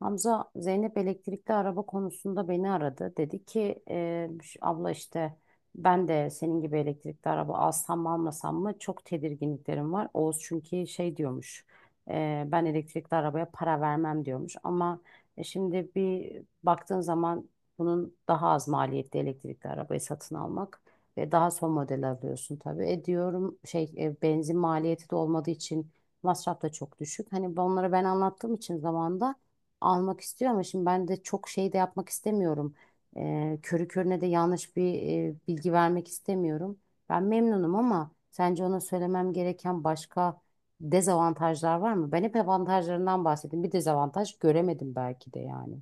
Hamza Zeynep elektrikli araba konusunda beni aradı. Dedi ki abla işte ben de senin gibi elektrikli araba alsam mı almasam mı çok tedirginliklerim var. Oğuz çünkü şey diyormuş ben elektrikli arabaya para vermem diyormuş. Ama şimdi bir baktığın zaman bunun daha az maliyetli elektrikli arabayı satın almak ve daha son model alıyorsun tabii. Diyorum şey benzin maliyeti de olmadığı için masraf da çok düşük. Hani onlara ben anlattığım için zamanda almak istiyor ama şimdi ben de çok şey de yapmak istemiyorum. Körü körüne de yanlış bir bilgi vermek istemiyorum. Ben memnunum ama sence ona söylemem gereken başka dezavantajlar var mı? Ben hep avantajlarından bahsettim. Bir dezavantaj göremedim belki de yani.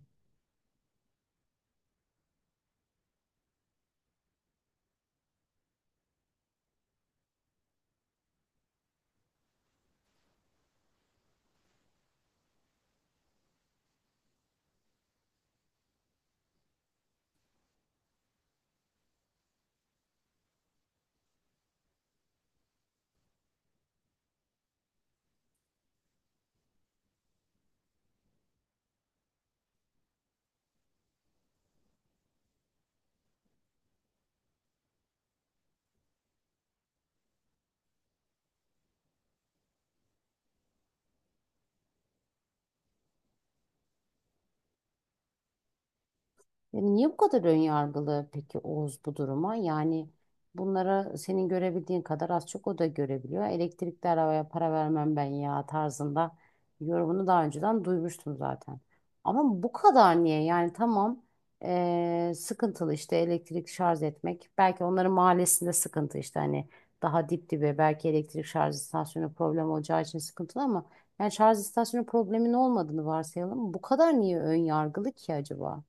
Yani niye bu kadar ön yargılı peki Oğuz bu duruma? Yani bunlara senin görebildiğin kadar az çok o da görebiliyor. Elektrikli arabaya para vermem ben ya tarzında yorumunu daha önceden duymuştum zaten. Ama bu kadar niye? Yani tamam, sıkıntılı işte elektrik şarj etmek. Belki onların mahallesinde sıkıntı işte hani daha dip dibe belki elektrik şarj istasyonu problem olacağı için sıkıntılı ama yani şarj istasyonu problemin olmadığını varsayalım. Bu kadar niye ön yargılı ki acaba?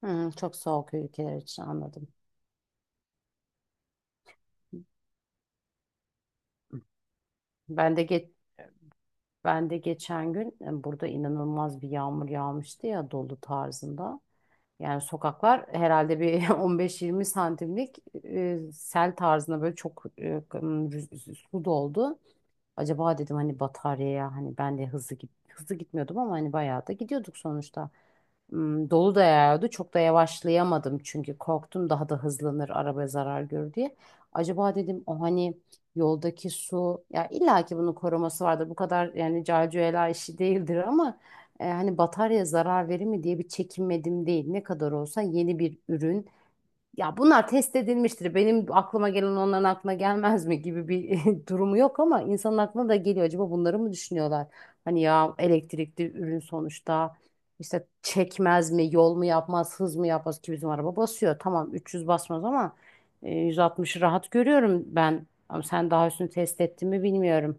Çok soğuk ülkeler için anladım. Ben de geç ben de geçen gün burada inanılmaz bir yağmur yağmıştı ya dolu tarzında. Yani sokaklar herhalde bir 15-20 santimlik sel tarzında böyle çok su doldu. Acaba dedim hani bataryaya hani ben de hızlı gitmiyordum ama hani bayağı da gidiyorduk sonuçta. Dolu da yağıyordu. Çok da yavaşlayamadım çünkü korktum daha da hızlanır arabaya zarar görür diye. Acaba dedim o hani yoldaki su ya illa ki bunun koruması vardır. Bu kadar yani calcuela işi değildir ama hani bataryaya zarar verir mi diye bir çekinmedim değil. Ne kadar olsa yeni bir ürün ya bunlar test edilmiştir. Benim aklıma gelen onların aklına gelmez mi gibi bir durumu yok ama insanın aklına da geliyor. Acaba bunları mı düşünüyorlar? Hani ya elektrikli ürün sonuçta işte çekmez mi, yol mu yapmaz, hız mı yapmaz ki bizim araba basıyor. Tamam 300 basmaz ama 160'ı rahat görüyorum ben. Ama sen daha üstünü test ettin mi bilmiyorum.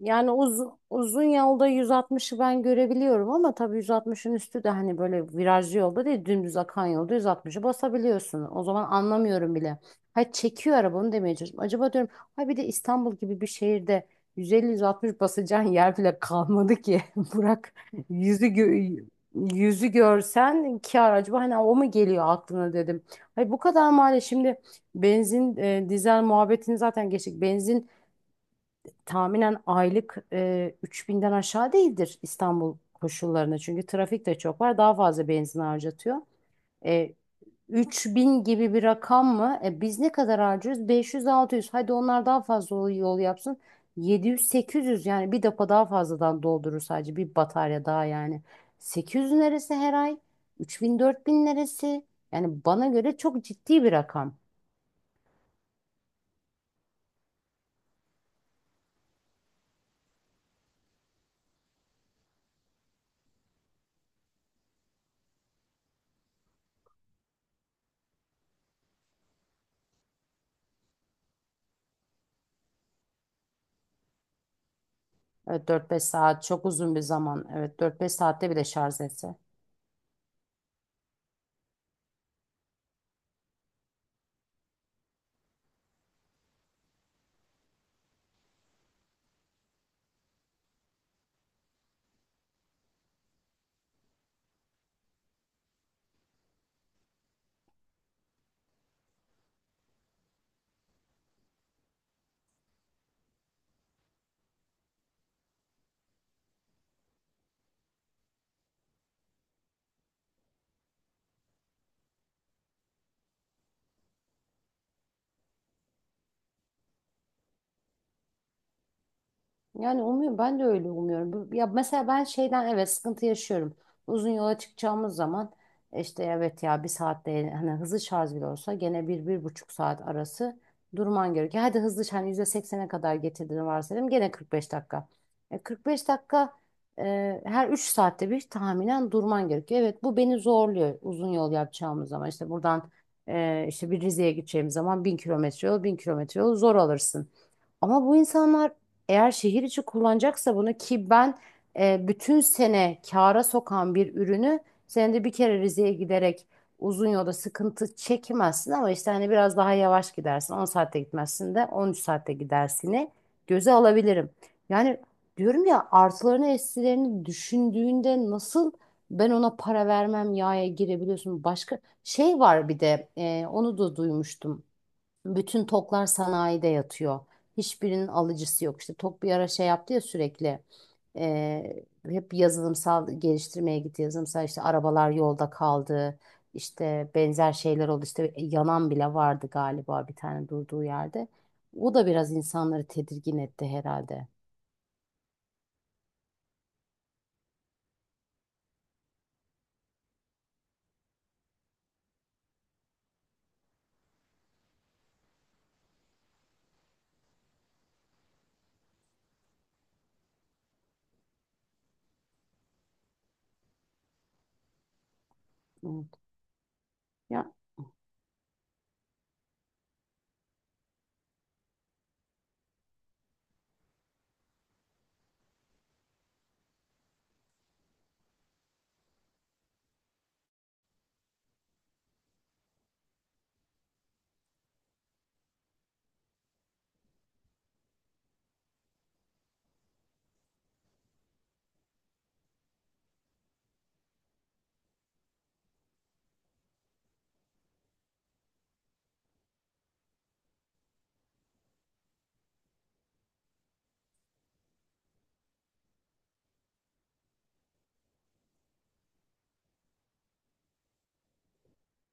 Yani uzun, uzun yolda 160'ı ben görebiliyorum ama tabii 160'ın üstü de hani böyle virajlı yolda değil dümdüz akan yolda 160'ı basabiliyorsun. O zaman anlamıyorum bile. Ha çekiyor araba onu demeye çalışıyorum. Acaba diyorum ha bir de İstanbul gibi bir şehirde 150-160 basacağın yer bile kalmadı ki. Bırak yüzü gö- yüzü görsen kar acaba hani o mu geliyor aklına dedim. Hayır bu kadar mali şimdi benzin dizel muhabbetini zaten geçtik. Benzin tahminen aylık 3000'den aşağı değildir İstanbul koşullarında. Çünkü trafik de çok var. Daha fazla benzin harcatıyor. E, 3000 gibi bir rakam mı? Biz ne kadar harcıyoruz? 500-600. Hadi onlar daha fazla yol yol yapsın. 700-800 yani bir depo daha fazladan doldurur sadece bir batarya daha yani. 800 neresi her ay? 3000-4000 neresi? Yani bana göre çok ciddi bir rakam. Evet 4-5 saat çok uzun bir zaman. Evet 4-5 saatte bile şarj etse. Yani umuyorum ben de öyle umuyorum. Ya mesela ben şeyden evet sıkıntı yaşıyorum. Uzun yola çıkacağımız zaman işte evet ya 1 saatte hani hızlı şarj bile olsa gene bir bir buçuk saat arası durman gerekiyor. Hadi hızlı şarj hani %80'e kadar getirdiğini varsayalım gene 45 dakika. 45 dakika her 3 saatte bir tahminen durman gerekiyor. Evet bu beni zorluyor uzun yol yapacağımız zaman. İşte buradan işte bir Rize'ye gideceğim zaman 1000 kilometre yol 1000 kilometre yol zor alırsın. Ama bu insanlar eğer şehir içi kullanacaksa bunu ki ben bütün sene kâra sokan bir ürünü senede bir kere Rize'ye giderek uzun yolda sıkıntı çekmezsin ama işte hani biraz daha yavaş gidersin. 10 saatte gitmezsin de 13 saatte gidersini göze alabilirim. Yani diyorum ya artılarını eksilerini düşündüğünde nasıl ben ona para vermem yaya girebiliyorsun. Başka şey var bir de onu da duymuştum. Bütün toklar sanayide yatıyor. Hiçbirinin alıcısı yok. İşte Tok bir ara şey yaptı ya sürekli. Hep yazılımsal geliştirmeye gitti. Yazılımsal işte arabalar yolda kaldı. İşte benzer şeyler oldu. İşte yanan bile vardı galiba bir tane durduğu yerde. O da biraz insanları tedirgin etti herhalde. Evet. Ya,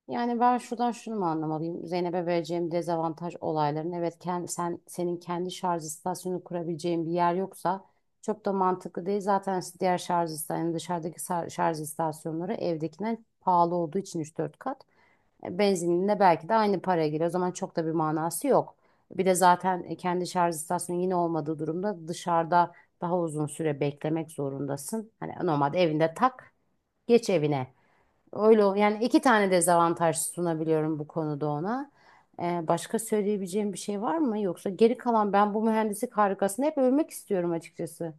yani ben şuradan şunu mu anlamalıyım? Zeynep'e vereceğim dezavantaj olayların. Evet, senin kendi şarj istasyonu kurabileceğin bir yer yoksa çok da mantıklı değil. Zaten diğer şarj istasyonu dışarıdaki şarj istasyonları evdekinden pahalı olduğu için üç dört kat. Benzininde belki de aynı paraya geliyor. O zaman çok da bir manası yok. Bir de zaten kendi şarj istasyonu yine olmadığı durumda dışarıda daha uzun süre beklemek zorundasın. Hani normalde evinde tak, geç evine. Öyle yani iki tane dezavantaj sunabiliyorum bu konuda ona. Başka söyleyebileceğim bir şey var mı? Yoksa geri kalan ben bu mühendislik harikasını hep övmek istiyorum açıkçası.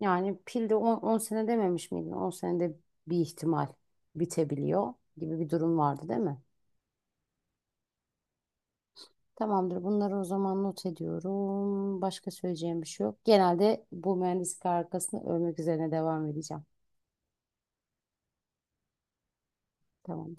Yani pil de 10 sene dememiş miydin? 10 senede bir ihtimal bitebiliyor gibi bir durum vardı değil mi? Tamamdır. Bunları o zaman not ediyorum. Başka söyleyeceğim bir şey yok. Genelde bu mühendislik harikasını övmek üzerine devam edeceğim. Tamam.